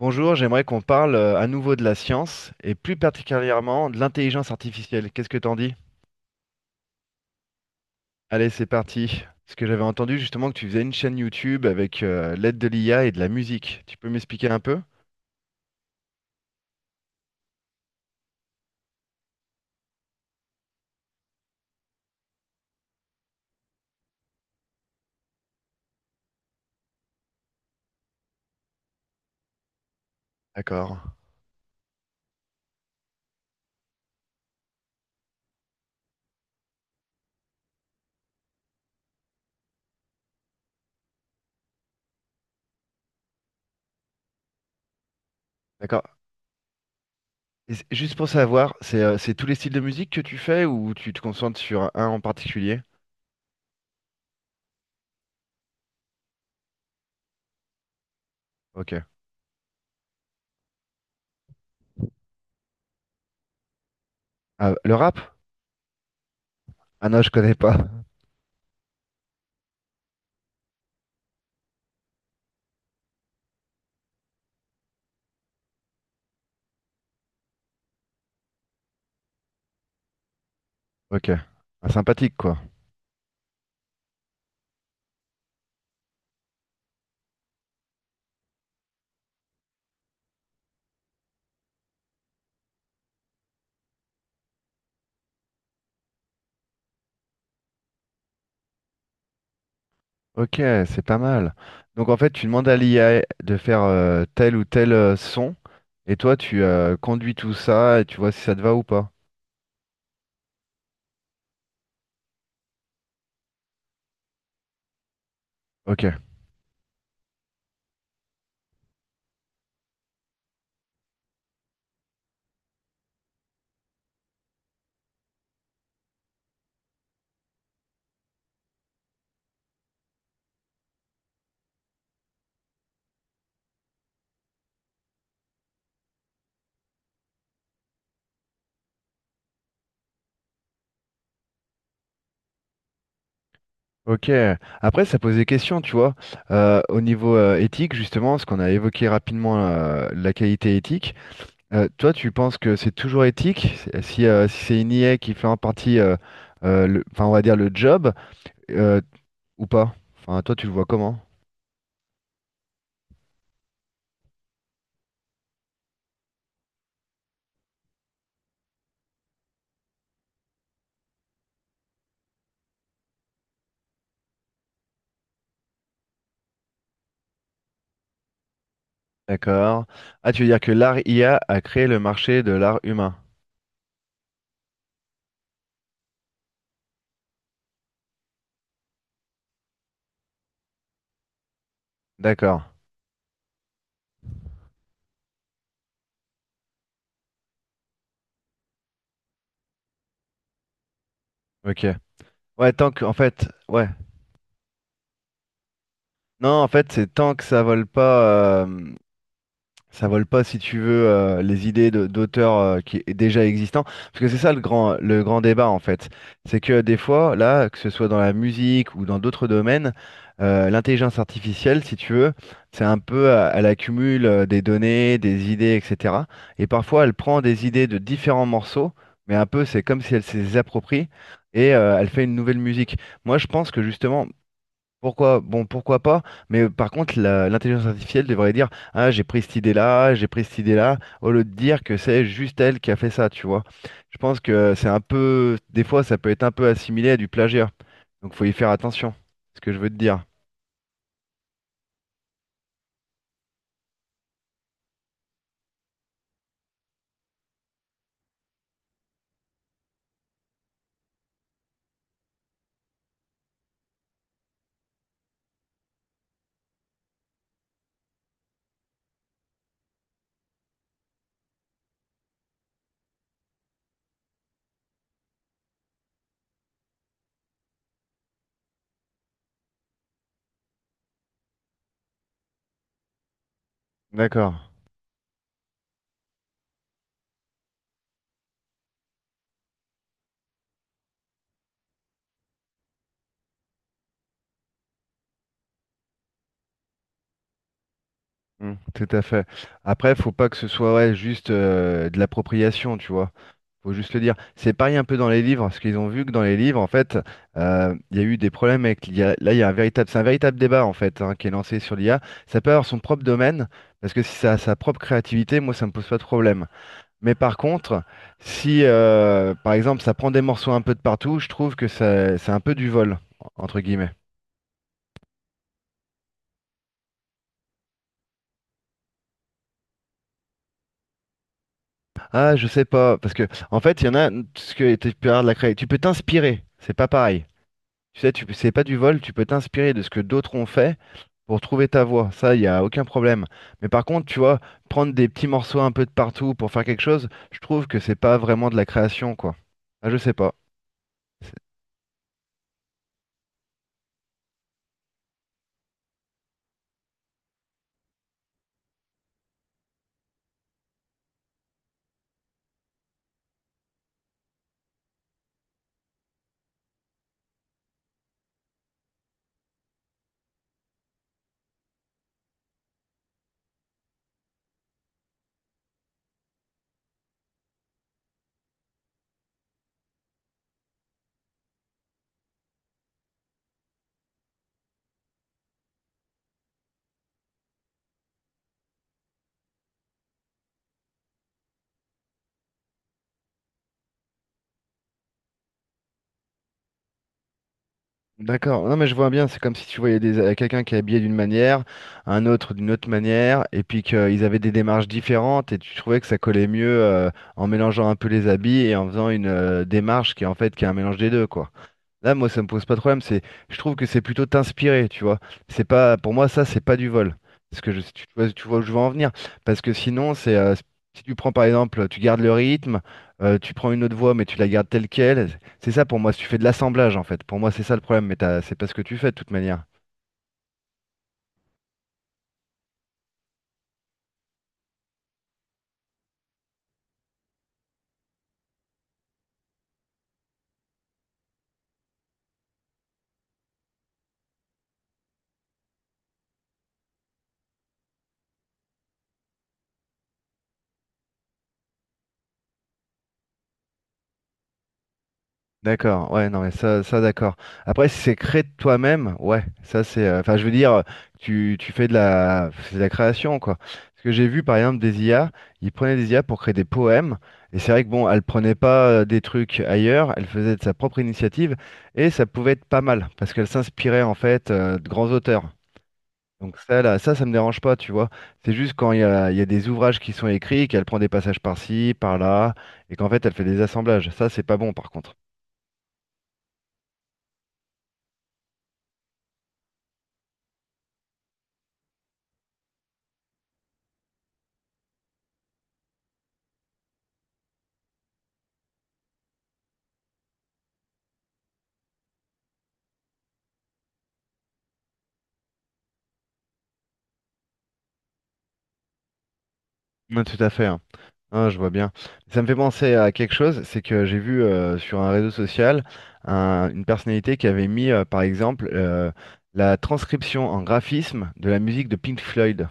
Bonjour, j'aimerais qu'on parle à nouveau de la science et plus particulièrement de l'intelligence artificielle. Qu'est-ce que t'en dis? Allez, c'est parti. Parce que j'avais entendu justement que tu faisais une chaîne YouTube avec l'aide de l'IA et de la musique. Tu peux m'expliquer un peu? D'accord. D'accord. Juste pour savoir, c'est tous les styles de musique que tu fais ou tu te concentres sur un en particulier? Ok. Ah, le rap? Ah non, je connais pas. Ok. Ah, sympathique quoi. Ok, c'est pas mal. Donc en fait, tu demandes à l'IA de faire tel ou tel son, et toi, tu conduis tout ça et tu vois si ça te va ou pas. Ok, ok. Après, ça pose des questions, tu vois. Au niveau éthique, justement, ce qu'on a évoqué rapidement, la qualité éthique. Toi, tu penses que c'est toujours éthique? Si c'est une IA qui fait en partie, enfin, on va dire le job, euh, ou pas? Enfin, toi, tu le vois comment? D'accord. Ah, tu veux dire que l'art IA a créé le marché de l'art humain. D'accord. Ok. Ouais, tant que, en fait, ouais. Non, en fait, c'est tant que ça vole pas. Ça vole pas, si tu veux, les d'auteurs qui est déjà existants. Parce que c'est ça le grand débat, en fait. C'est que des fois, là, que ce soit dans la musique ou dans d'autres domaines, l'intelligence artificielle, si tu veux, c'est un peu, elle accumule des données, des idées, etc. Et parfois, elle prend des idées de différents morceaux, mais un peu, c'est comme si elle s'est les approprie et elle fait une nouvelle musique. Moi, je pense que justement, pourquoi? Bon, pourquoi pas? Mais par contre, l'intelligence artificielle devrait dire, ah, j'ai pris cette idée-là, j'ai pris cette idée-là, au lieu de dire que c'est juste elle qui a fait ça, tu vois. Je pense que c'est un peu, des fois, ça peut être un peu assimilé à du plagiat. Donc, faut y faire attention. C'est ce que je veux te dire. D'accord. Mm, tout à fait. Après, faut pas que ce soit ouais, juste de l'appropriation, tu vois. Faut juste le dire. C'est pareil un peu dans les livres, parce qu'ils ont vu que dans les livres, en fait, il y a eu des problèmes avec l'IA. Là, il y a un véritable, c'est un véritable débat en fait hein, qui est lancé sur l'IA. Ça peut avoir son propre domaine, parce que si ça a sa propre créativité, moi, ça me pose pas de problème. Mais par contre, si, par exemple, ça prend des morceaux un peu de partout, je trouve que ça, c'est un peu du vol. Entre guillemets. Ah, je sais pas, parce que en fait, il y en a, ce que tu peux avoir tu peux t'inspirer, c'est pas pareil. Tu sais, c'est pas du vol, tu peux t'inspirer de ce que d'autres ont fait pour trouver ta voie. Ça, il n'y a aucun problème. Mais par contre, tu vois, prendre des petits morceaux un peu de partout pour faire quelque chose, je trouve que c'est pas vraiment de la création, quoi. Ah, je sais pas. C'est- D'accord. Non, mais je vois bien, c'est comme si tu voyais quelqu'un qui est habillé d'une manière, un autre d'une autre manière, et puis qu'ils avaient des démarches différentes, et tu trouvais que ça collait mieux en mélangeant un peu les habits et en faisant une démarche qui est en fait qui est un mélange des deux, quoi. Là, moi, ça me pose pas de problème. C'est, je trouve que c'est plutôt t'inspirer, tu vois. C'est pas, pour moi, ça, c'est pas du vol. Parce que tu vois où je veux en venir. Parce que sinon, si tu prends par exemple, tu gardes le rythme, tu prends une autre voix, mais tu la gardes telle quelle. C'est ça pour moi. Si tu fais de l'assemblage, en fait. Pour moi, c'est ça le problème. Mais c'est pas ce que tu fais de toute manière. D'accord, ouais, non, mais ça d'accord. Après, si c'est créé de toi-même, ouais, ça c'est. Enfin, je veux dire, tu fais c'est de la création, quoi. Parce que j'ai vu, par exemple, des IA, ils prenaient des IA pour créer des poèmes, et c'est vrai que bon, elle prenait pas des trucs ailleurs, elle faisait de sa propre initiative, et ça pouvait être pas mal, parce qu'elle s'inspirait en fait de grands auteurs. Donc ça, là, ça me dérange pas, tu vois. C'est juste quand il y a des ouvrages qui sont écrits, qu'elle prend des passages par-ci, par-là, et qu'en fait, elle fait des assemblages. Ça, c'est pas bon, par contre. Ouais, tout à fait. Ah, je vois bien. Ça me fait penser à quelque chose, c'est que j'ai vu sur un réseau social une personnalité qui avait mis, par exemple, la transcription en graphisme de la musique de Pink Floyd.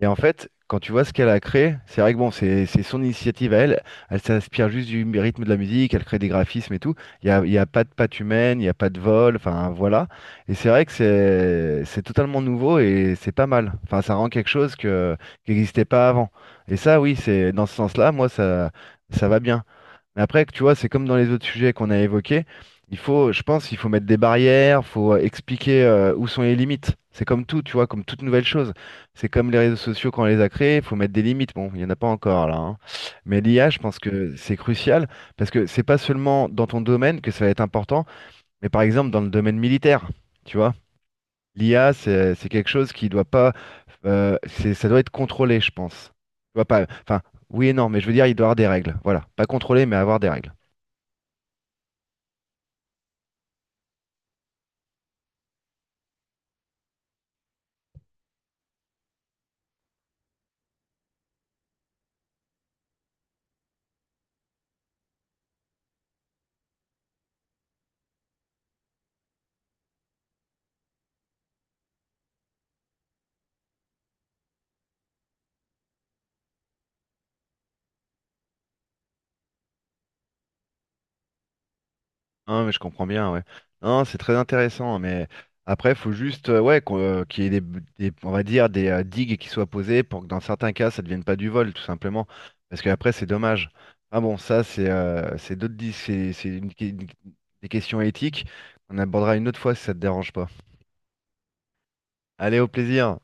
Et en fait, quand tu vois ce qu'elle a créé, c'est vrai que bon, c'est son initiative à elle. Elle s'inspire juste du rythme de la musique, elle crée des graphismes et tout. Il y a pas de patte humaine, il n'y a pas de vol, enfin voilà. Et c'est vrai que c'est totalement nouveau et c'est pas mal. Enfin, ça rend quelque chose que, qui n'existait pas avant. Et ça, oui, c'est dans ce sens-là, moi, ça va bien. Mais après, tu vois, c'est comme dans les autres sujets qu'on a évoqués. Il faut, je pense, il faut mettre des barrières, faut expliquer où sont les limites. C'est comme tout, tu vois, comme toute nouvelle chose. C'est comme les réseaux sociaux quand on les a créés, il faut mettre des limites. Bon, il n'y en a pas encore là, hein. Mais l'IA, je pense que c'est crucial parce que c'est pas seulement dans ton domaine que ça va être important, mais par exemple dans le domaine militaire, tu vois. L'IA, c'est quelque chose qui doit pas, ça doit être contrôlé, je pense. Tu vois pas, enfin, oui et non, mais je veux dire, il doit y avoir des règles. Voilà, pas contrôlé, mais avoir des règles. Non, mais je comprends bien, ouais. Non, c'est très intéressant, hein, mais après, il faut juste ouais, qu'il y ait on va dire, des digues qui soient posées pour que dans certains cas, ça ne devienne pas du vol, tout simplement. Parce qu'après, c'est dommage. Ah bon, ça, c'est des questions éthiques. On abordera une autre fois si ça te dérange pas. Allez, au plaisir.